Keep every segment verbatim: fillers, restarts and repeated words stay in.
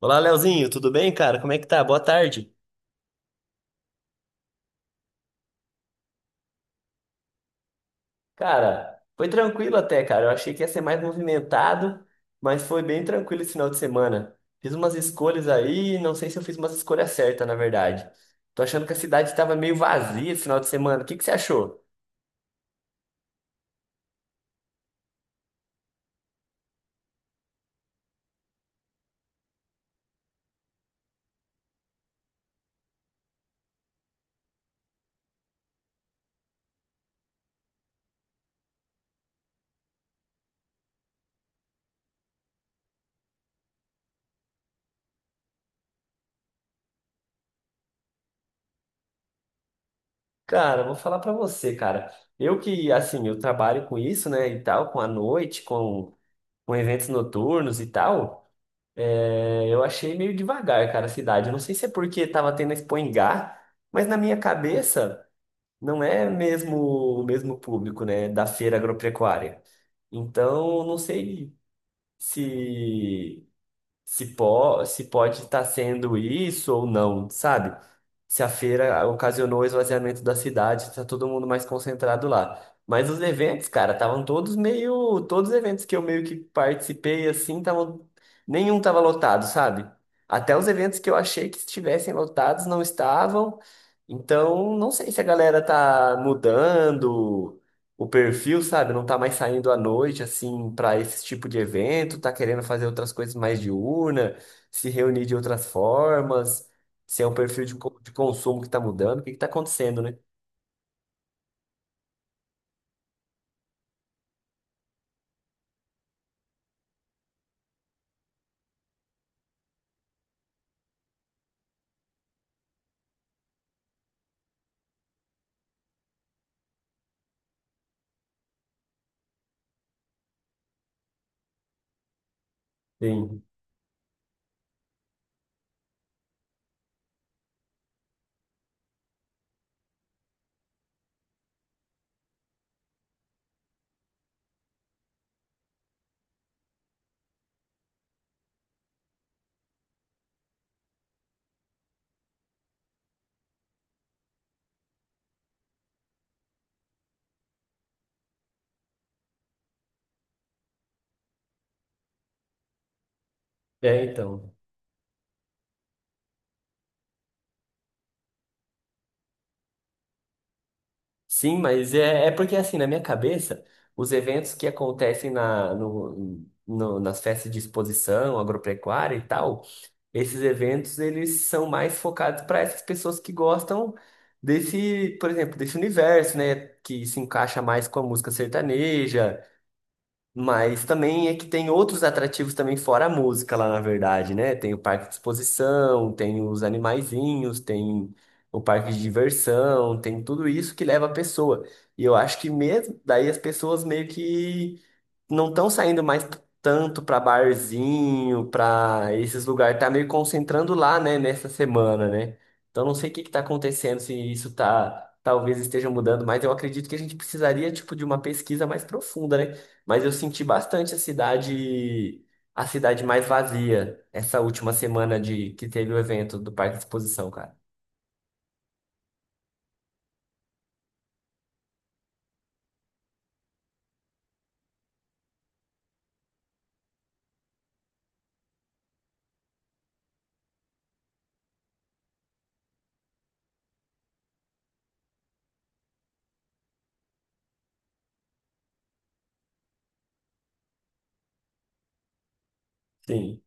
Olá, Leozinho, tudo bem, cara? Como é que tá? Boa tarde. Cara, foi tranquilo até, cara. Eu achei que ia ser mais movimentado, mas foi bem tranquilo esse final de semana. Fiz umas escolhas aí, não sei se eu fiz umas escolhas certas, na verdade. Tô achando que a cidade estava meio vazia esse final de semana. O que que você achou? Cara, vou falar pra você, cara. Eu que, assim, eu trabalho com isso, né, e tal, com a noite, com, com eventos noturnos e tal. É, Eu achei meio devagar, cara, a cidade. Eu não sei se é porque tava tendo a Expo em Gá, mas na minha cabeça não é mesmo o mesmo público, né, da feira agropecuária. Então, não sei se se, po se pode estar sendo isso ou não, sabe? Se a feira ocasionou o esvaziamento da cidade, tá todo mundo mais concentrado lá. Mas os eventos, cara, estavam todos meio. Todos os eventos que eu meio que participei, assim, estavam. Nenhum tava lotado, sabe? Até os eventos que eu achei que estivessem lotados não estavam. Então, não sei se a galera tá mudando o perfil, sabe? Não tá mais saindo à noite, assim, para esse tipo de evento, tá querendo fazer outras coisas mais diurna, se reunir de outras formas, se é um perfil de, co- de consumo que tá mudando, o que que tá acontecendo, né? Sim. É, então. Sim, mas é, é porque, assim, na minha cabeça, os eventos que acontecem na, no, no- nas festas de exposição agropecuária e tal, Esses eventos, eles são mais focados para essas pessoas que gostam desse, por exemplo, desse universo, né? Que se encaixa mais com a música sertaneja, mas também é que tem outros atrativos também fora a música lá, na verdade, né? Tem o parque de exposição, tem os animaizinhos, tem o parque de diversão, tem tudo isso que leva a pessoa. E eu acho que mesmo daí as pessoas meio que não estão saindo mais t- tanto para barzinho, para esses lugares, tá meio concentrando lá, né, nessa semana, né? Então não sei o que que tá acontecendo, se isso tá talvez esteja mudando, mas eu acredito que a gente precisaria tipo de uma pesquisa mais profunda, né? Mas eu senti bastante a cidade, a cidade mais vazia essa última semana de que teve o evento do Parque de Exposição, cara. Sim.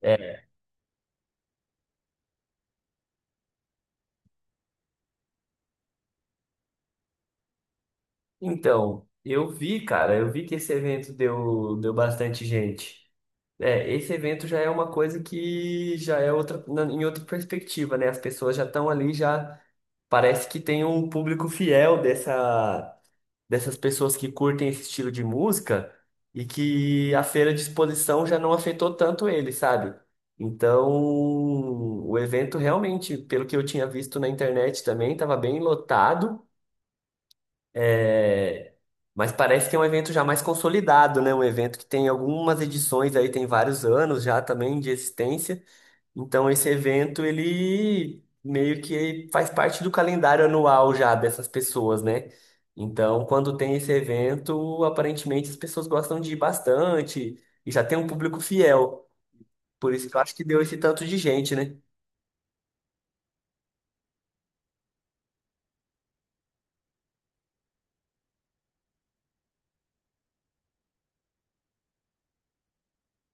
É. Então, eu vi, cara, eu vi que esse evento deu, deu bastante gente. É, esse evento já é uma coisa que já é outra, na- em outra perspectiva, né? As pessoas já estão ali, já parece que tem um público fiel dessa dessas pessoas que curtem esse estilo de música e que a feira de exposição já não afetou tanto ele, sabe? Então, o evento realmente, pelo que eu tinha visto na internet também, estava bem lotado, é, mas parece que é um evento já mais consolidado, né? Um evento que tem algumas edições aí, tem vários anos já também de existência. Então esse evento ele meio que faz parte do calendário anual já dessas pessoas, né? Então, quando tem esse evento, aparentemente as pessoas gostam de ir bastante e já tem um público fiel. Por isso que eu acho que deu esse tanto de gente, né?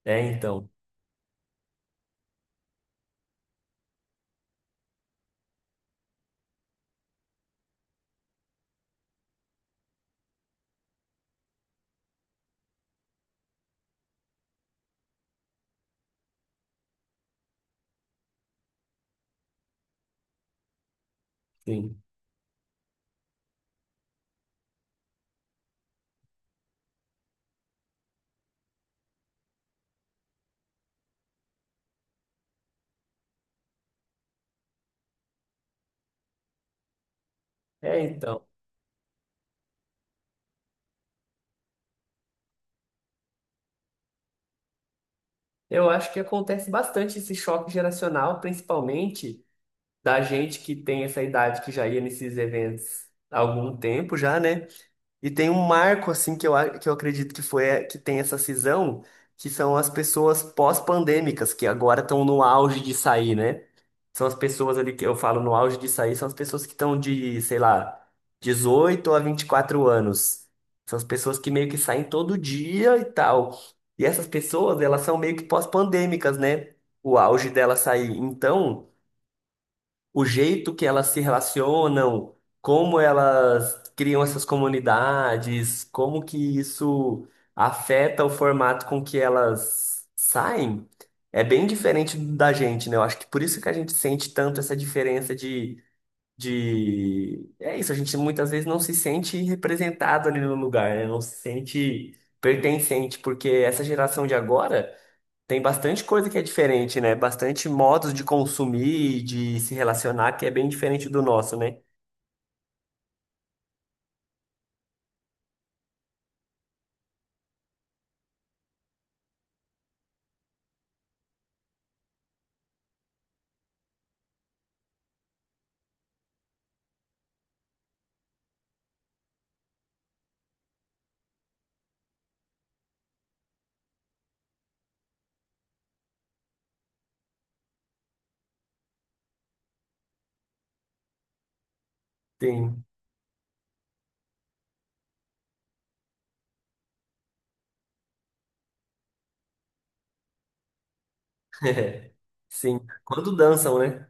É, então, sim. É, então. Eu acho que acontece bastante esse choque geracional, principalmente da gente que tem essa idade que já ia nesses eventos há algum tempo já, né? E tem um marco assim que eu, a- que eu acredito que foi é, que tem essa cisão, que são as pessoas pós-pandêmicas que agora estão no auge de sair, né? São as pessoas ali que eu falo no auge de sair, são as pessoas que estão de, sei lá, dezoito a vinte e quatro anos. São as pessoas que meio que saem todo dia e tal. E essas pessoas, elas são meio que pós-pandêmicas, né? O auge dela sair. Então, o jeito que elas se relacionam, como elas criam essas comunidades, como que isso afeta o formato com que elas saem, é bem diferente da gente, né? Eu acho que por isso que a gente sente tanto essa diferença de, de... É isso, a gente muitas vezes não se sente representado ali no lugar, né? Não se sente pertencente, porque essa geração de agora. Tem bastante coisa que é diferente, né? Bastante modos de consumir e de se relacionar que é bem diferente do nosso, né? Tem. Sim. Quando dançam, né?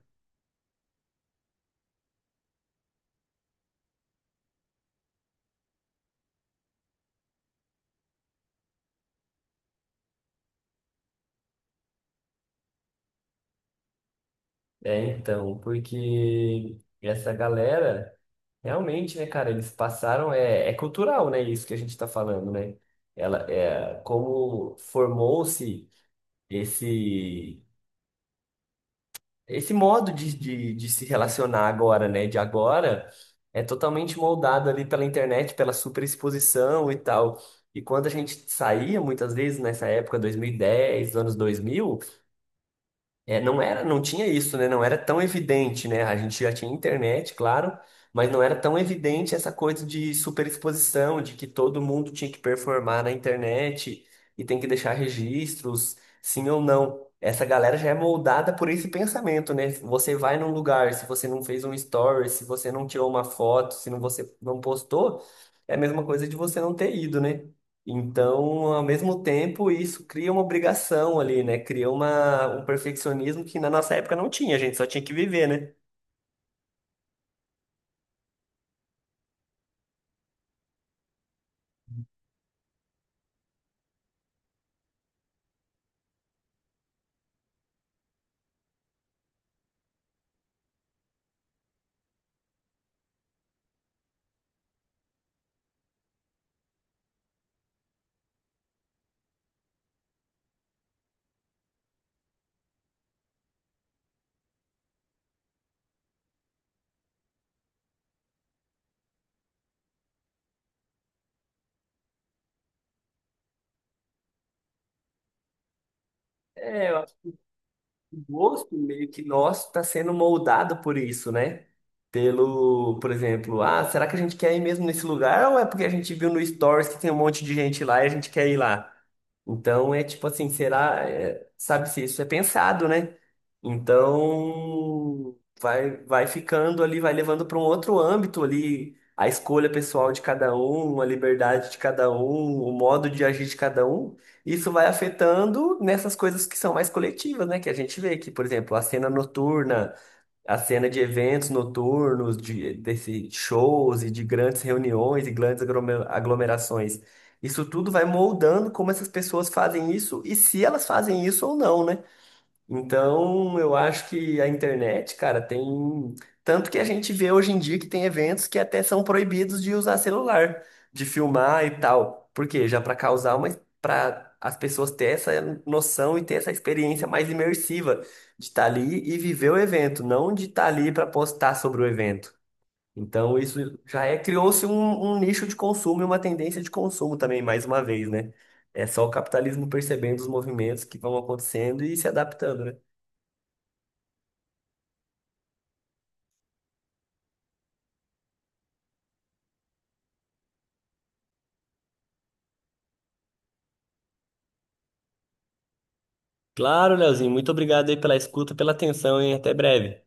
É, então, porque essa galera, realmente, né, cara, eles passaram. É, é cultural, né? Isso que a gente tá falando, né? Ela, é, como formou-se esse. Esse modo de, de, de se relacionar agora, né, de agora, é totalmente moldado ali pela internet, pela superexposição e tal. E quando a gente saía, muitas vezes, nessa época, dois mil e dez, anos dois mil é, não era, não tinha isso, né? Não era tão evidente, né? A gente já tinha internet, claro, mas não era tão evidente essa coisa de superexposição, de que todo mundo tinha que performar na internet e tem que deixar registros, sim ou não. Essa galera já é moldada por esse pensamento, né? Você vai num lugar, se você não fez um story, se você não tirou uma foto, se não, você não postou, é a mesma coisa de você não ter ido, né? Então, ao mesmo tempo, isso cria uma obrigação ali, né? Cria uma, um perfeccionismo que na nossa época não tinha, a gente só tinha que viver, né? É, o gosto meio que nosso está sendo moldado por isso, né? Pelo, por exemplo, ah, será que a gente quer ir mesmo nesse lugar ou é porque a gente viu no Stories que tem um monte de gente lá e a gente quer ir lá? Então é tipo assim, será, é, sabe se isso é pensado, né? Então vai, vai ficando ali, vai levando para um outro âmbito ali a escolha pessoal de cada um, a liberdade de cada um, o modo de agir de cada um. Isso vai afetando nessas coisas que são mais coletivas, né? Que a gente vê que, por exemplo, a cena noturna, a cena de eventos noturnos, de, desse shows e de grandes reuniões e grandes agrome- aglomerações. Isso tudo vai moldando como essas pessoas fazem isso e se elas fazem isso ou não, né? Então, eu acho que a internet, cara, tem. Tanto que a gente vê hoje em dia que tem eventos que até são proibidos de usar celular, de filmar e tal. Por quê? Já para causar uma. Para as pessoas ter essa noção e ter essa experiência mais imersiva de estar ali e viver o evento, não de estar ali para postar sobre o evento. Então, isso já é. Criou-se um, um nicho de consumo e uma tendência de consumo também, mais uma vez, né? É só o capitalismo percebendo os movimentos que vão acontecendo e se adaptando, né? Claro, Leozinho, muito obrigado aí pela escuta, pela atenção, hein? Até breve.